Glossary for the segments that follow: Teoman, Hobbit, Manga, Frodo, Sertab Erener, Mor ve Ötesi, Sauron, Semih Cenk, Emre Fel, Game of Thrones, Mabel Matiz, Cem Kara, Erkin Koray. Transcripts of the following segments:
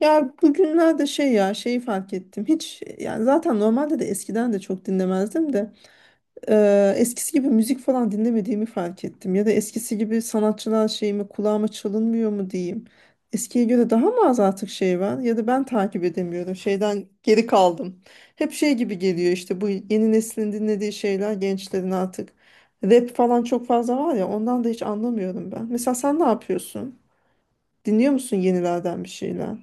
Ya bugünlerde şey ya şeyi fark ettim. Hiç yani zaten normalde de eskiden de çok dinlemezdim de eskisi gibi müzik falan dinlemediğimi fark ettim. Ya da eskisi gibi sanatçılar şeyimi kulağıma çalınmıyor mu diyeyim. Eskiye göre daha mı az artık şey var ya da ben takip edemiyorum. Şeyden geri kaldım. Hep şey gibi geliyor işte bu yeni neslin dinlediği şeyler gençlerin artık. Rap falan çok fazla var ya ondan da hiç anlamıyorum ben. Mesela sen ne yapıyorsun? Dinliyor musun yenilerden bir şeyler?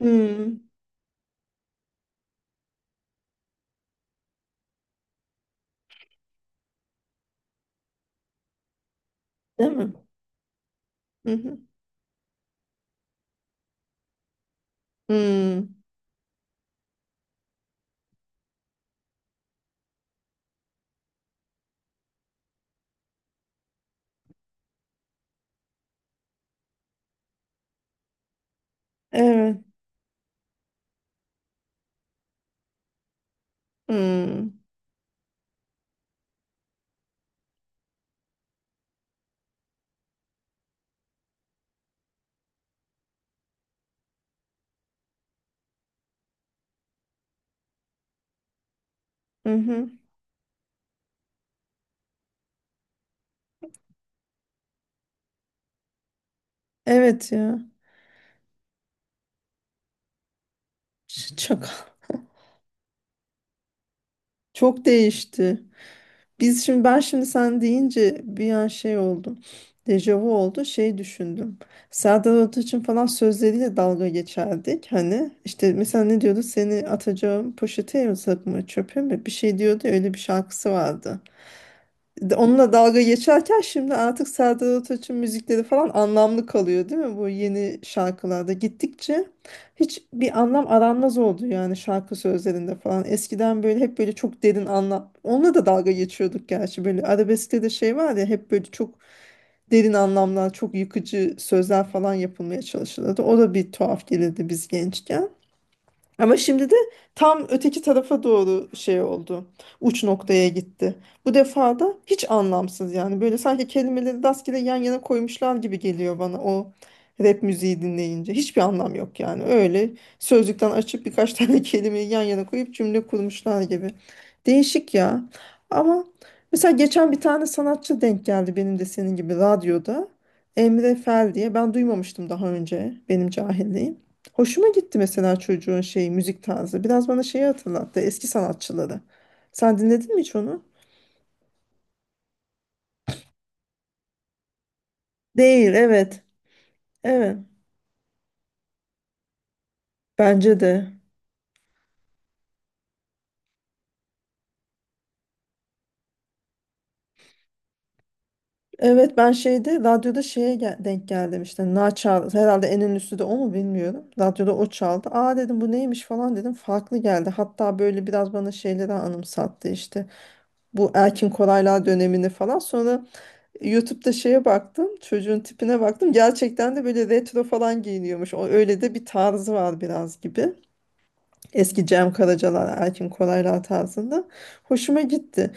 Hmm. Değil mi? Hı hı. Hmm. Evet. Hmm. Hı hı. Evet ya. Ç- Çok Çok değişti. Biz şimdi ben şimdi sen deyince bir an şey oldum. Dejavu oldu. Şey düşündüm. Serdar Ortaç'ın falan sözleriyle dalga geçerdik. Hani işte mesela ne diyordu? Seni atacağım poşete mi sakma çöpe mi? Bir şey diyordu. Ya, öyle bir şarkısı vardı. Onunla dalga geçerken şimdi artık Serdar Ortaç'ın müzikleri falan anlamlı kalıyor değil mi? Bu yeni şarkılarda gittikçe hiç bir anlam aranmaz oldu yani şarkı sözlerinde falan. Eskiden böyle hep böyle çok derin anlam. Onunla da dalga geçiyorduk gerçi böyle arabeskte de şey var ya hep böyle çok derin anlamlar, çok yıkıcı sözler falan yapılmaya çalışılırdı. O da bir tuhaf gelirdi biz gençken. Ama şimdi de tam öteki tarafa doğru şey oldu. Uç noktaya gitti. Bu defa da hiç anlamsız yani. Böyle sanki kelimeleri rastgele yan yana koymuşlar gibi geliyor bana o rap müziği dinleyince. Hiçbir anlam yok yani. Öyle sözlükten açıp birkaç tane kelimeyi yan yana koyup cümle kurmuşlar gibi. Değişik ya. Ama mesela geçen bir tane sanatçı denk geldi benim de senin gibi radyoda. Emre Fel diye. Ben duymamıştım daha önce benim cahilliğim. Hoşuma gitti mesela çocuğun şeyi müzik tarzı. Biraz bana şeyi hatırlattı eski sanatçıları. Sen dinledin mi hiç onu? Değil evet. Evet. Bence de. Evet ben şeyde radyoda denk geldim işte na çal herhalde en ünlüsü de o mu bilmiyorum. Radyoda o çaldı. Aa dedim bu neymiş falan dedim. Farklı geldi. Hatta böyle biraz bana şeyleri anımsattı işte. Bu Erkin Koraylar dönemini falan. Sonra YouTube'da şeye baktım, çocuğun tipine baktım. Gerçekten de böyle retro falan giyiniyormuş. O öyle de bir tarzı var biraz gibi. Eski Cem Karacalar, Erkin Koraylar tarzında. Hoşuma gitti.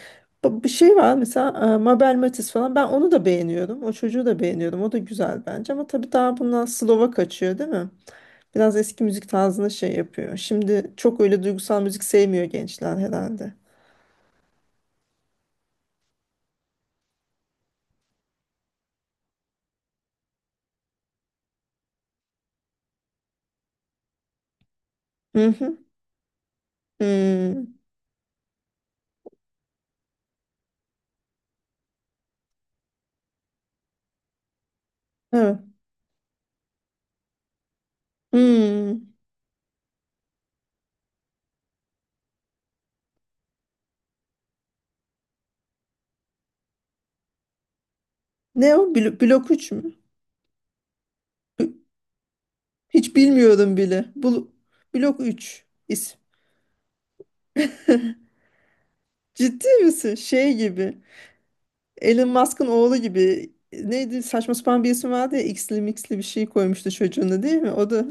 Bir şey var mesela Mabel Matiz falan. Ben onu da beğeniyorum. O çocuğu da beğeniyorum. O da güzel bence. Ama tabii daha bundan Slova kaçıyor değil mi? Biraz eski müzik tarzına şey yapıyor. Şimdi çok öyle duygusal müzik sevmiyor gençler herhalde. Hı hı. Hmm. Evet. Hmm. Ne o? Blok 3. Hiç bilmiyorum bile. Blok 3. İsim. Ciddi misin? Şey gibi. Elon Musk'ın oğlu gibi neydi saçma sapan bir isim vardı ya X'li mixli bir şey koymuştu çocuğuna değil mi? O da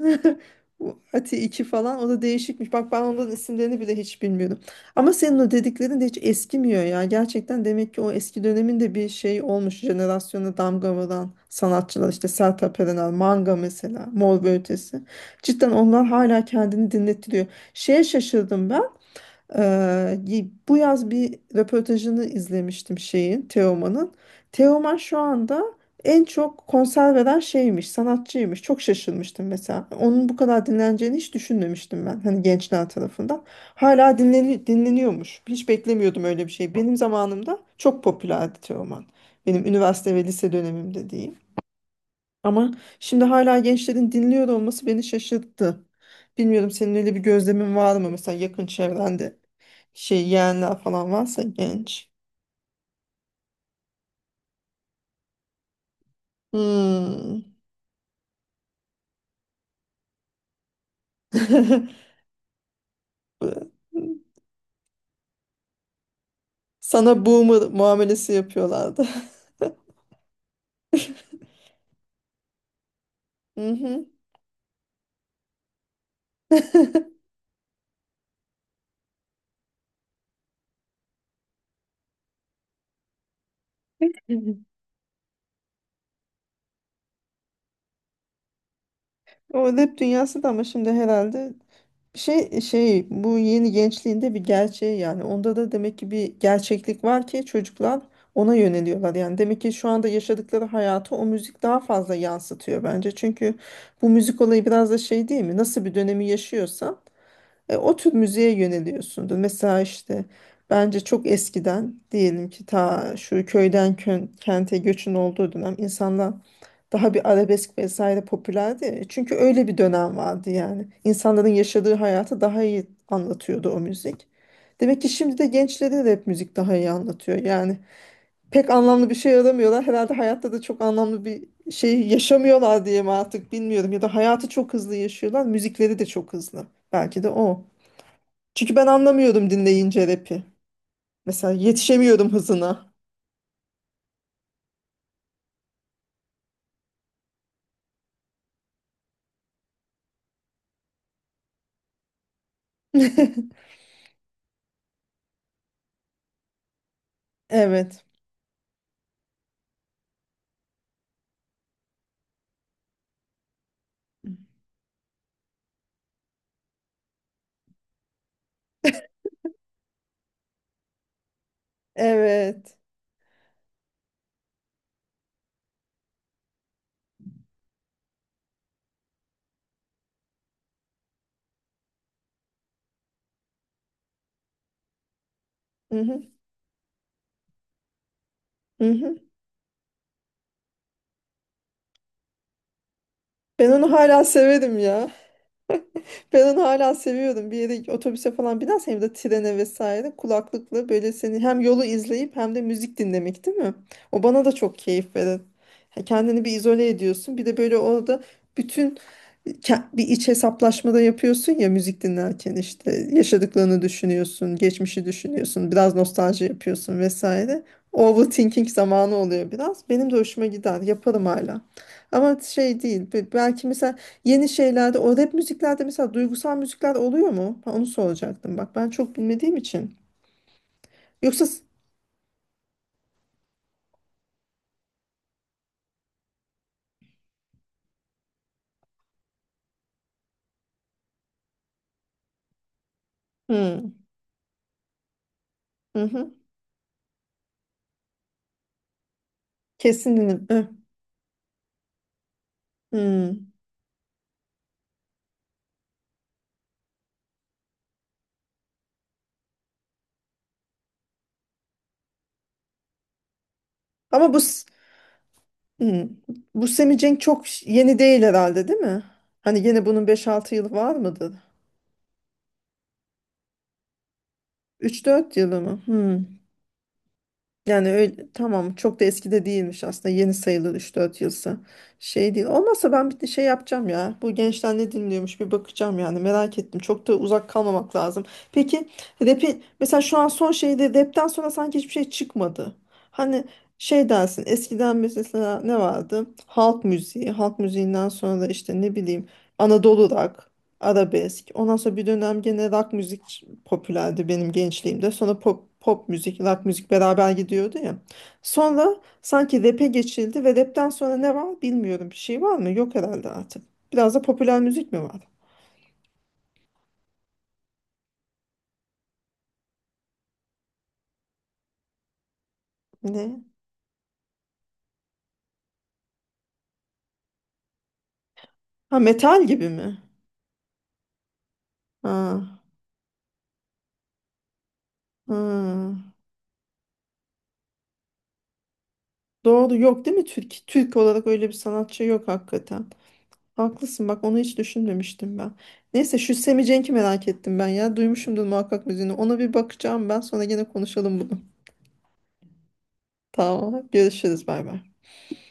bu Ati 2 falan o da değişikmiş. Bak ben onların isimlerini bile hiç bilmiyordum. Ama senin o dediklerin de hiç eskimiyor ya. Gerçekten demek ki o eski döneminde bir şey olmuş. Jenerasyona damga vuran sanatçılar işte Sertab Erener, Manga mesela, Mor ve Ötesi. Cidden onlar hala kendini dinlettiriyor. Şeye şaşırdım ben. Bu yaz bir röportajını izlemiştim şeyin, Teoman'ın. Teoman şu anda en çok konser veren şeymiş, sanatçıymış. Çok şaşırmıştım mesela. Onun bu kadar dinleneceğini hiç düşünmemiştim ben. Hani gençler tarafından. Hala dinleniyormuş. Hiç beklemiyordum öyle bir şey. Benim zamanımda çok popülerdi Teoman. Benim üniversite ve lise dönemimde diyeyim. Ama şimdi hala gençlerin dinliyor olması beni şaşırttı. Bilmiyorum senin öyle bir gözlemin var mı? Mesela yakın çevrende şey yeğenler falan varsa genç. Hmm. Sana boomer muamelesi yapıyorlardı. Mhm. O rap dünyası da ama şimdi herhalde şey bu yeni gençliğinde bir gerçeği yani onda da demek ki bir gerçeklik var ki çocuklar ona yöneliyorlar yani demek ki şu anda yaşadıkları hayatı o müzik daha fazla yansıtıyor bence çünkü bu müzik olayı biraz da şey değil mi nasıl bir dönemi yaşıyorsan o tür müziğe yöneliyorsundur. Mesela işte bence çok eskiden diyelim ki ta şu köyden kente göçün olduğu dönem insanlar daha bir arabesk vesaire popülerdi. Çünkü öyle bir dönem vardı yani. İnsanların yaşadığı hayatı daha iyi anlatıyordu o müzik. Demek ki şimdi de gençlere de hep müzik daha iyi anlatıyor. Yani pek anlamlı bir şey aramıyorlar. Herhalde hayatta da çok anlamlı bir şey yaşamıyorlar diye mi artık bilmiyorum. Ya da hayatı çok hızlı yaşıyorlar. Müzikleri de çok hızlı. Belki de o. Çünkü ben anlamıyordum dinleyince rap'i. Mesela yetişemiyordum hızına. Evet. Evet. Hı hı. Hı hı. Ben onu hala severim ya. Ben onu hala seviyordum. Bir yere otobüse falan binersen hem de trene vesaire kulaklıkla böyle seni hem yolu izleyip hem de müzik dinlemek değil mi? O bana da çok keyif verir. Ha, kendini bir izole ediyorsun. Bir de böyle orada bütün bir iç hesaplaşmada yapıyorsun ya müzik dinlerken işte yaşadıklarını düşünüyorsun, geçmişi düşünüyorsun, biraz nostalji yapıyorsun vesaire. Overthinking zamanı oluyor biraz. Benim de hoşuma gider. Yaparım hala. Ama şey değil. Belki mesela yeni şeylerde o rap müziklerde mesela duygusal müzikler oluyor mu? Ha, onu soracaktım. Bak ben çok bilmediğim için. Yoksa s- Hmm, hı hı. Kesin hı, hı. Ama bu s- hı. Bu Semih Cenk çok yeni değil herhalde değil mi? Hani yine bunun beş altı yılı var mıdır? Üç dört yılı mı? Hı. Yani öyle, tamam çok da eski de değilmiş aslında yeni sayılır 3-4 yılsa şey değil olmazsa ben bir de şey yapacağım ya bu gençler ne dinliyormuş bir bakacağım yani merak ettim çok da uzak kalmamak lazım, peki rapi mesela şu an son şeyde rapten sonra sanki hiçbir şey çıkmadı hani şey dersin eskiden mesela ne vardı halk müziği halk müziğinden sonra da işte ne bileyim Anadolu rock arabesk. Ondan sonra bir dönem gene rock müzik popülerdi benim gençliğimde. Sonra pop müzik, rock müzik beraber gidiyordu ya. Sonra sanki rap'e geçildi ve rap'ten sonra ne var bilmiyorum. Bir şey var mı? Yok herhalde artık. Biraz da popüler müzik mi var? Ne? Ha metal gibi mi? Ha, ha. Doğru yok değil mi? Türk olarak öyle bir sanatçı yok hakikaten. Haklısın bak onu hiç düşünmemiştim ben. Neyse şu Semi merak ettim ben ya. Duymuşumdur muhakkak müziğini. Ona bir bakacağım ben sonra gene konuşalım bunu. Tamam görüşürüz bay bay.